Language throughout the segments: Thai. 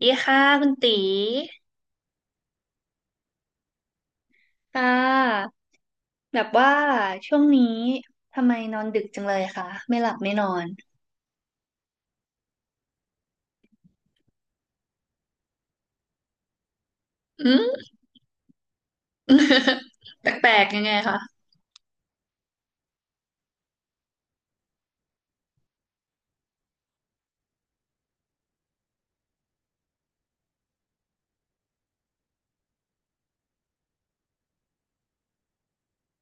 ดีค่ะคุณตีค่ะแบบว่าช่วงนี้ทำไมนอนดึกจังเลยคะไม่หลับไม่นอนอืม แปลกๆยังไงคะ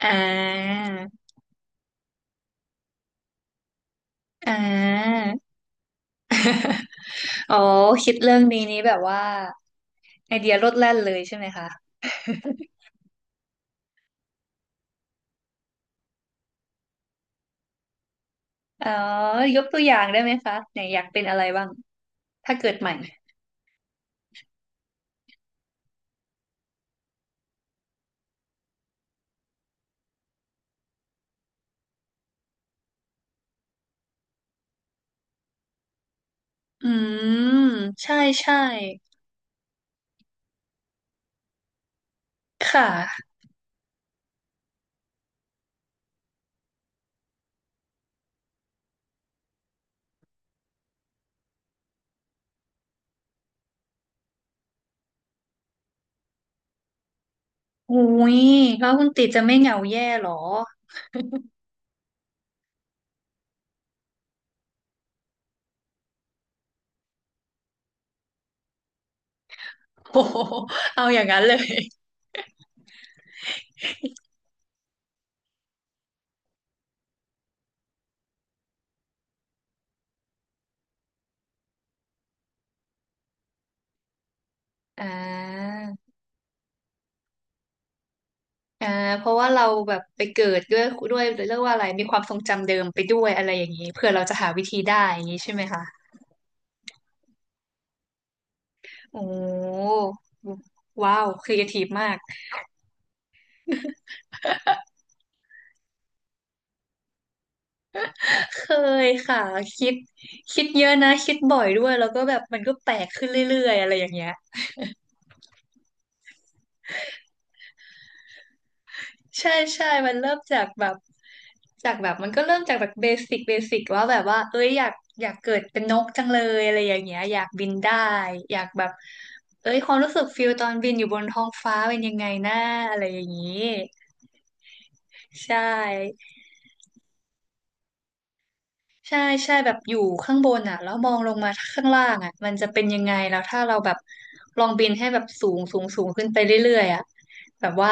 อ่าอ่า อ๋อคิดเรื่องนี้นี้แบบว่าไอเดียโลดแล่นเลยใช่ไหมคะ อ๋อยกตัวอย่างได้ไหมคะไหนอยากเป็นอะไรบ้างถ้าเกิดใหม่อืมใช่ใช่ค่ะอุ้ยแล้วคุณตีจะไม่เหงาแย่หรอ โอ้โหเอาอย่างนั้นเลยอ่าอ่าเพราะว่าเราแบบไปเกิดด้วยเรียกว่าอะไรมีความทรงจำเดิมไปด้วยอะไรอย่างนี้เพื่อเราจะหาวิธีได้อย่างนี้ใช่ไหมคะ โอ้ว้าวครีเอทีฟมาก เคยค่ะคิดเยอะนะคิดบ่อยด้วยแล้วก็แบบมันก็แปลกขึ้นเรื่อยๆอะไรอย่างเงี้ย ใช่ใช่มันเริ่มจากแบบจากแบบมันก็เริ่มจากแบบเบสิกว่าแบบว่าเอ้ยอยากเกิดเป็นนกจังเลยอะไรอย่างเงี้ยอยากบินได้อยากแบบเอ้ยความรู้สึกฟิลตอนบินอยู่บนท้องฟ้าเป็นยังไงนะอะไรอย่างงี้ใช่ใช่ใช่แบบอยู่ข้างบนอ่ะแล้วมองลงมาข้างล่างอ่ะมันจะเป็นยังไงแล้วถ้าเราแบบลองบินให้แบบสูงสูงขึ้นไปเรื่อยๆอ่ะแบบว่า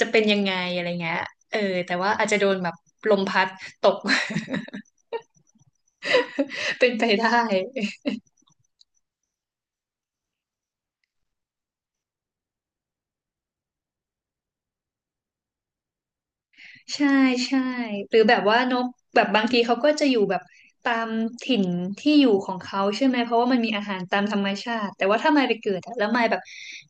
จะเป็นยังไงอะไรเงี้ยเออแต่ว่าอาจจะโดนแบบลมพัดตก เป็นไปได้ ใช่ใช่หรือแบบว่านกแบบบางทีเขาก็จะอยู่แบบตามถิ่นที่อยู่ของเขาใช่ไหมเพราะว่ามันมีอาหารตามธรรมชาติแต่ว่าถ้ามายไปเกิดอะแล้วมายแบบ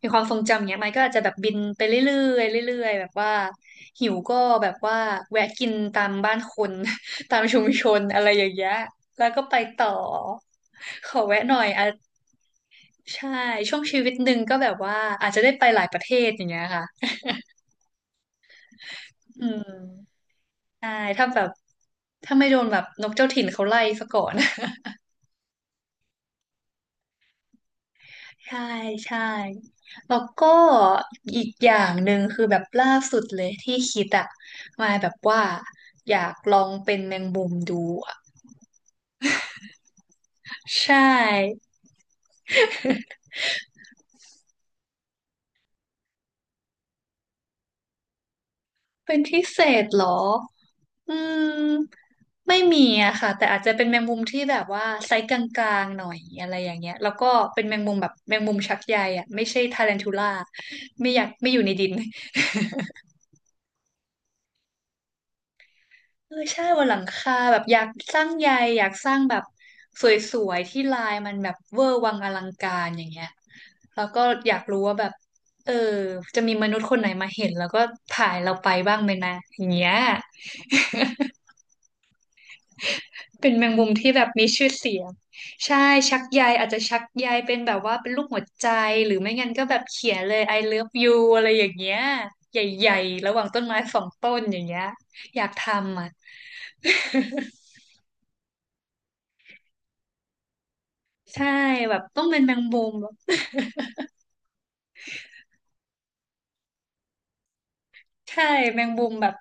มีความทรงจำเนี้ยมายก็อาจจะแบบบินไปเรื่อยๆเรื่อยๆแบบว่าหิวก็แบบว่าแวะกินตามบ้านคน ตามชุมชนอะไรอย่างเงี้ยแล้วก็ไปต่อขอแวะหน่อยอ่ะใช่ช่วงชีวิตหนึ่งก็แบบว่าอาจจะได้ไปหลายประเทศอย่างเงี้ยค่ะอืม ใช่ถ้าแบบถ้าไม่โดนแบบนกเจ้าถิ่นเขาไล่ซะก่อน ใช่ใช่แล้วก็อีกอย่างหนึ่งคือแบบล่าสุดเลยที่คิดอะมาแบบว่าอยากลองเป็นแมงมุมดูอะใช่เป็นพิเศษเหรออืมไม่มีอะค่ะแต่อาจจะเป็นแมงมุมที่แบบว่าไซส์กลางๆหน่อยอะไรอย่างเงี้ยแล้วก็เป็นแมงมุมแบบแมงมุมชักใยอะไม่ใช่ทารันทูล่าไม่อยากไม่อยู่ในดิน เออใช่บนหลังคาแบบอยากสร้างใยอยากสร้างแบบสวยๆที่ลายมันแบบเวอร์วังอลังการอย่างเงี้ยแล้วก็อยากรู้ว่าแบบเออจะมีมนุษย์คนไหนมาเห็นแล้วก็ถ่ายเราไปบ้างไหมนะอย่างเงี้ยเป็นแมงมุมที่แบบมีชื่อเสียงใช่ชักใยอาจจะชักใยเป็นแบบว่าเป็นรูปหัวใจหรือไม่งั้นก็แบบเขียนเลย I love you อะไรอย่างเงี้ยใหญ่ๆระหว่างต้นไม้สองต้นอย่างเงี้ยอยากทำอ่ะใช่แบบต้องเป็นแมงมุม ใช่แมงมุมแบบ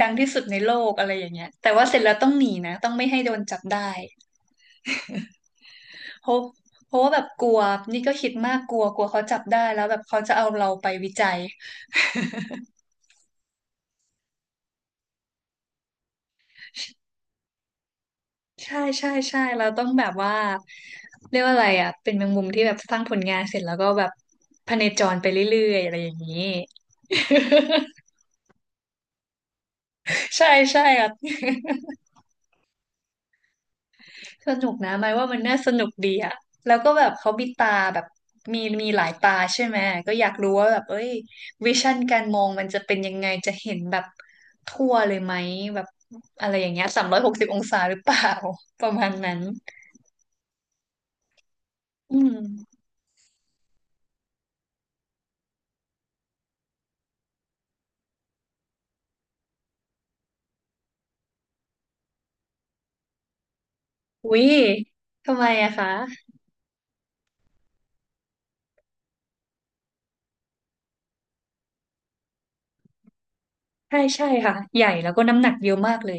ดังที่สุดในโลกอะไรอย่างเงี้ยแต่ว่าเสร็จแล้วต้องหนีนะต้องไม่ให้โดนจับได้เพราะว่าแบบกลัวนี่ก็คิดมากกลัวกลัวเขาจับได้แล้วแบบเขาจะเอาเราไปวิจัยใช่ใช่ใช่เราต้องแบบว่าเรียกว่าอะไรอ่ะเป็นแมงมุมที่แบบสร้างผลงานเสร็จแล้วก็แบบพเนจรไปเรื่อยๆอะไรอย่างนี้ ใช่ใช่อ่ะ สนุกนะหมายว่ามันน่าสนุกดีอะแล้วก็แบบเขามีตาแบบมีหลายตาใช่ไหมก็อยากรู้ว่าแบบเอ้ยวิชั่นการมองมันจะเป็นยังไงจะเห็นแบบทั่วเลยไหมแบบอะไรอย่างเงี้ย360องศาหรือเปล่า ประมาณนั้นอืมอุ๊ยทำไมอะคะใช่ใช่ค่ะใหญ่แล้วก็น้ำหนักเยอะมากเลย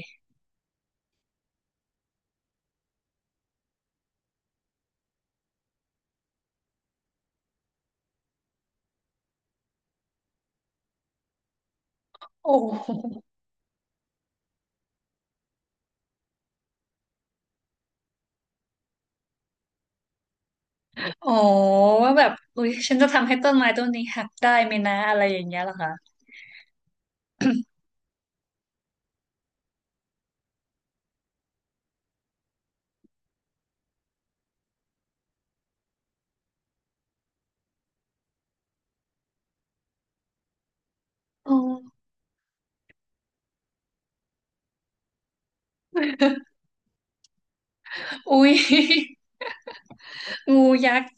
โอ้ โหอ๋อว่าแบบอุ๊ยฉันจะทำให้ต้นไม้ต้นนี้หักได้ไหมนะอะไรอย่างเงี้ยเหรอคะอ๋ออุ๊ย งูยักษ์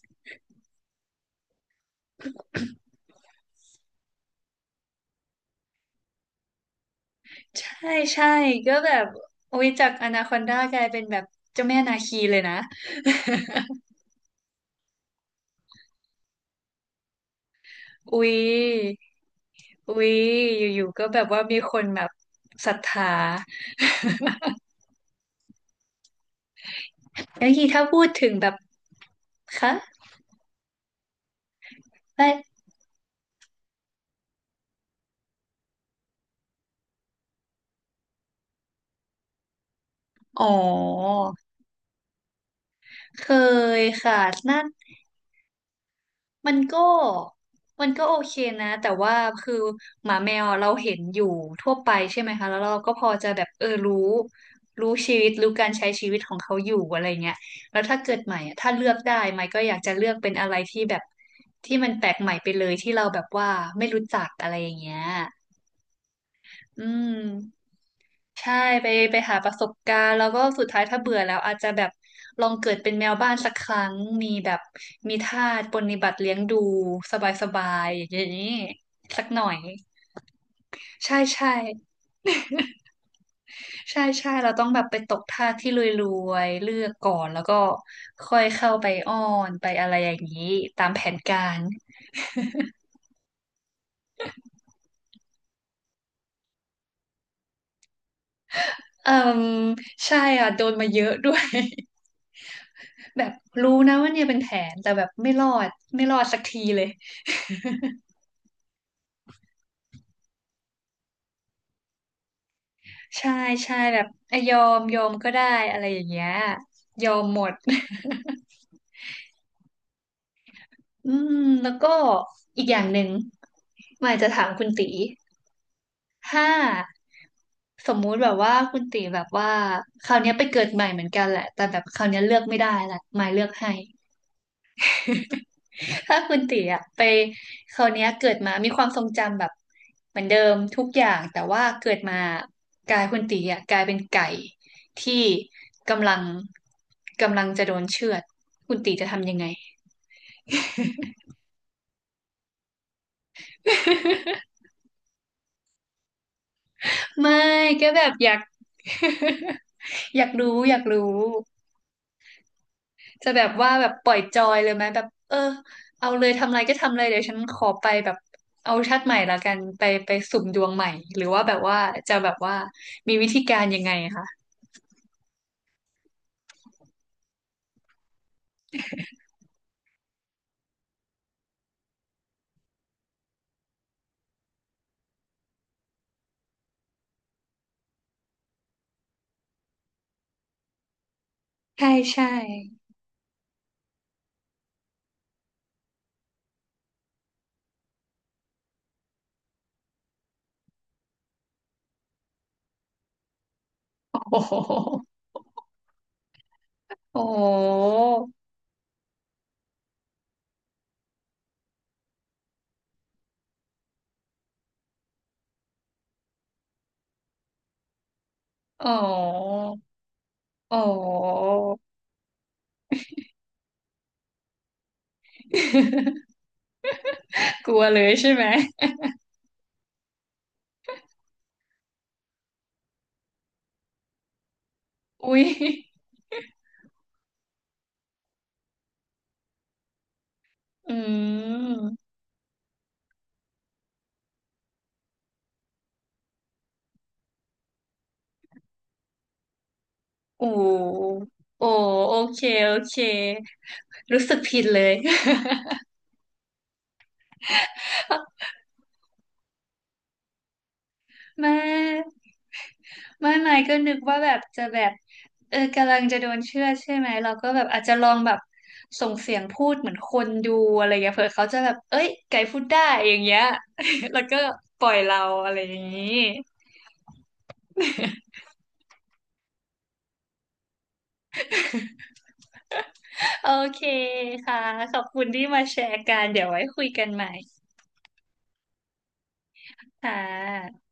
ใช่ใช่ก็แบบอุ๊ยจากอนาคอนดากลายเป็นแบบเจ้าแม่นาคีเลยนะอุ๊ยอุ๊ยอยู่ๆก็แบบว่ามีคนแบบศรัทธาแล้วทีถ้าพูดถึงแบบคะไม่อ๋อเคยค่ะน่า มันก็โอเคนะแต่ว่าคือหมาแมวอะเราเห็นอยู่ทั่วไปใช่ไหมคะแล้วเราก็พอจะแบบเออรู้ชีวิตรู้การใช้ชีวิตของเขาอยู่อะไรเงี้ยแล้วถ้าเกิดใหม่อะถ้าเลือกได้ใหม่ก็อยากจะเลือกเป็นอะไรที่แบบที่มันแปลกใหม่ไปเลยที่เราแบบว่าไม่รู้จักอะไรอย่างเงี้ยอืม ใช่ไปไปหาประสบการณ์แล้วก็สุดท้ายถ้าเบื่อแล้วอาจจะแบบลองเกิดเป็นแมวบ้านสักครั้งมีแบบมีทาสปรนนิบัติเลี้ยงดูสบายๆอย่างนี้สักหน่อยใช่ใช่ใช่ใช่เราต้องแบบไปตกทาสที่รวยๆเลือกก่อนแล้วก็ค่อยเข้าไปอ้อนไปอะไรอย่างนี้ตามแผนการเอ่มใช่อ่ะโดนมาเยอะด้วย แบบรู้นะว่าเนี่ยเป็นแผนแต่แบบไม่รอดไม่รอดสักทีเลย ใช่ใช่แบบเอ้ยยอมยอมก็ได้อะไรอย่างเงี้ยยอมหมด อืมแล้วก็อีกอย่างหนึ่งหมายจะถามคุณตีถ้าสมมุติแบบว่าคุณตีแบบว่าคราวเนี้ยไปเกิดใหม่เหมือนกันแหละแต่แบบคราวเนี้ยเลือกไม่ได้ละหมายเลือกให้ ถ้าคุณตีอะไปคราวเนี้ยเกิดมามีความทรงจำแบบเหมือนเดิมทุกอย่างแต่ว่าเกิดมากายคุณตีอะกลายเป็นไก่ที่กำลังกำลังจะโดนเชือดคุณตีจะทำยังไง ไม่ก็แบบอยาก อยากรู้อยากรู้ จะแบบว่าแบบปล่อยจอยเลยไหมแบบเออเอาเลยทำอะไรก็ทำเลยเดี๋ยวฉันขอไปแบบเอาชาติใหม่ละกันไปไปสุ่มดวงใหม่หรือว่าแบบว่าจะแบบว่ามีวิธีการยังไงคะใช่ใช่โอ้โหโอ้โหโอ้โหโอ้โห กลัวเลยใช่ไหมอุ้ยอืมโอ้โอ้โอเคโอเครู้สึกผิดเลย แม่ ไม่ไม่ก็นึกว่าแบบจะแบบเออกำลังจะโดนเชื่อดใช่ไหมเราก็แบบอาจจะลองแบบส่งเสียงพูดเหมือนคนดูอะไรอย่างเงี้ยเผื่อเขาจะแบบเอ้ยไก่พูดได้อย่างเงี้ย แล้วก็ปล่อยเราอะไรอย่างงี้โอเคค่ะขอบคุณที่มาแชร์กันเดี๋ยวไว้คุยกันใหม่ค่ะ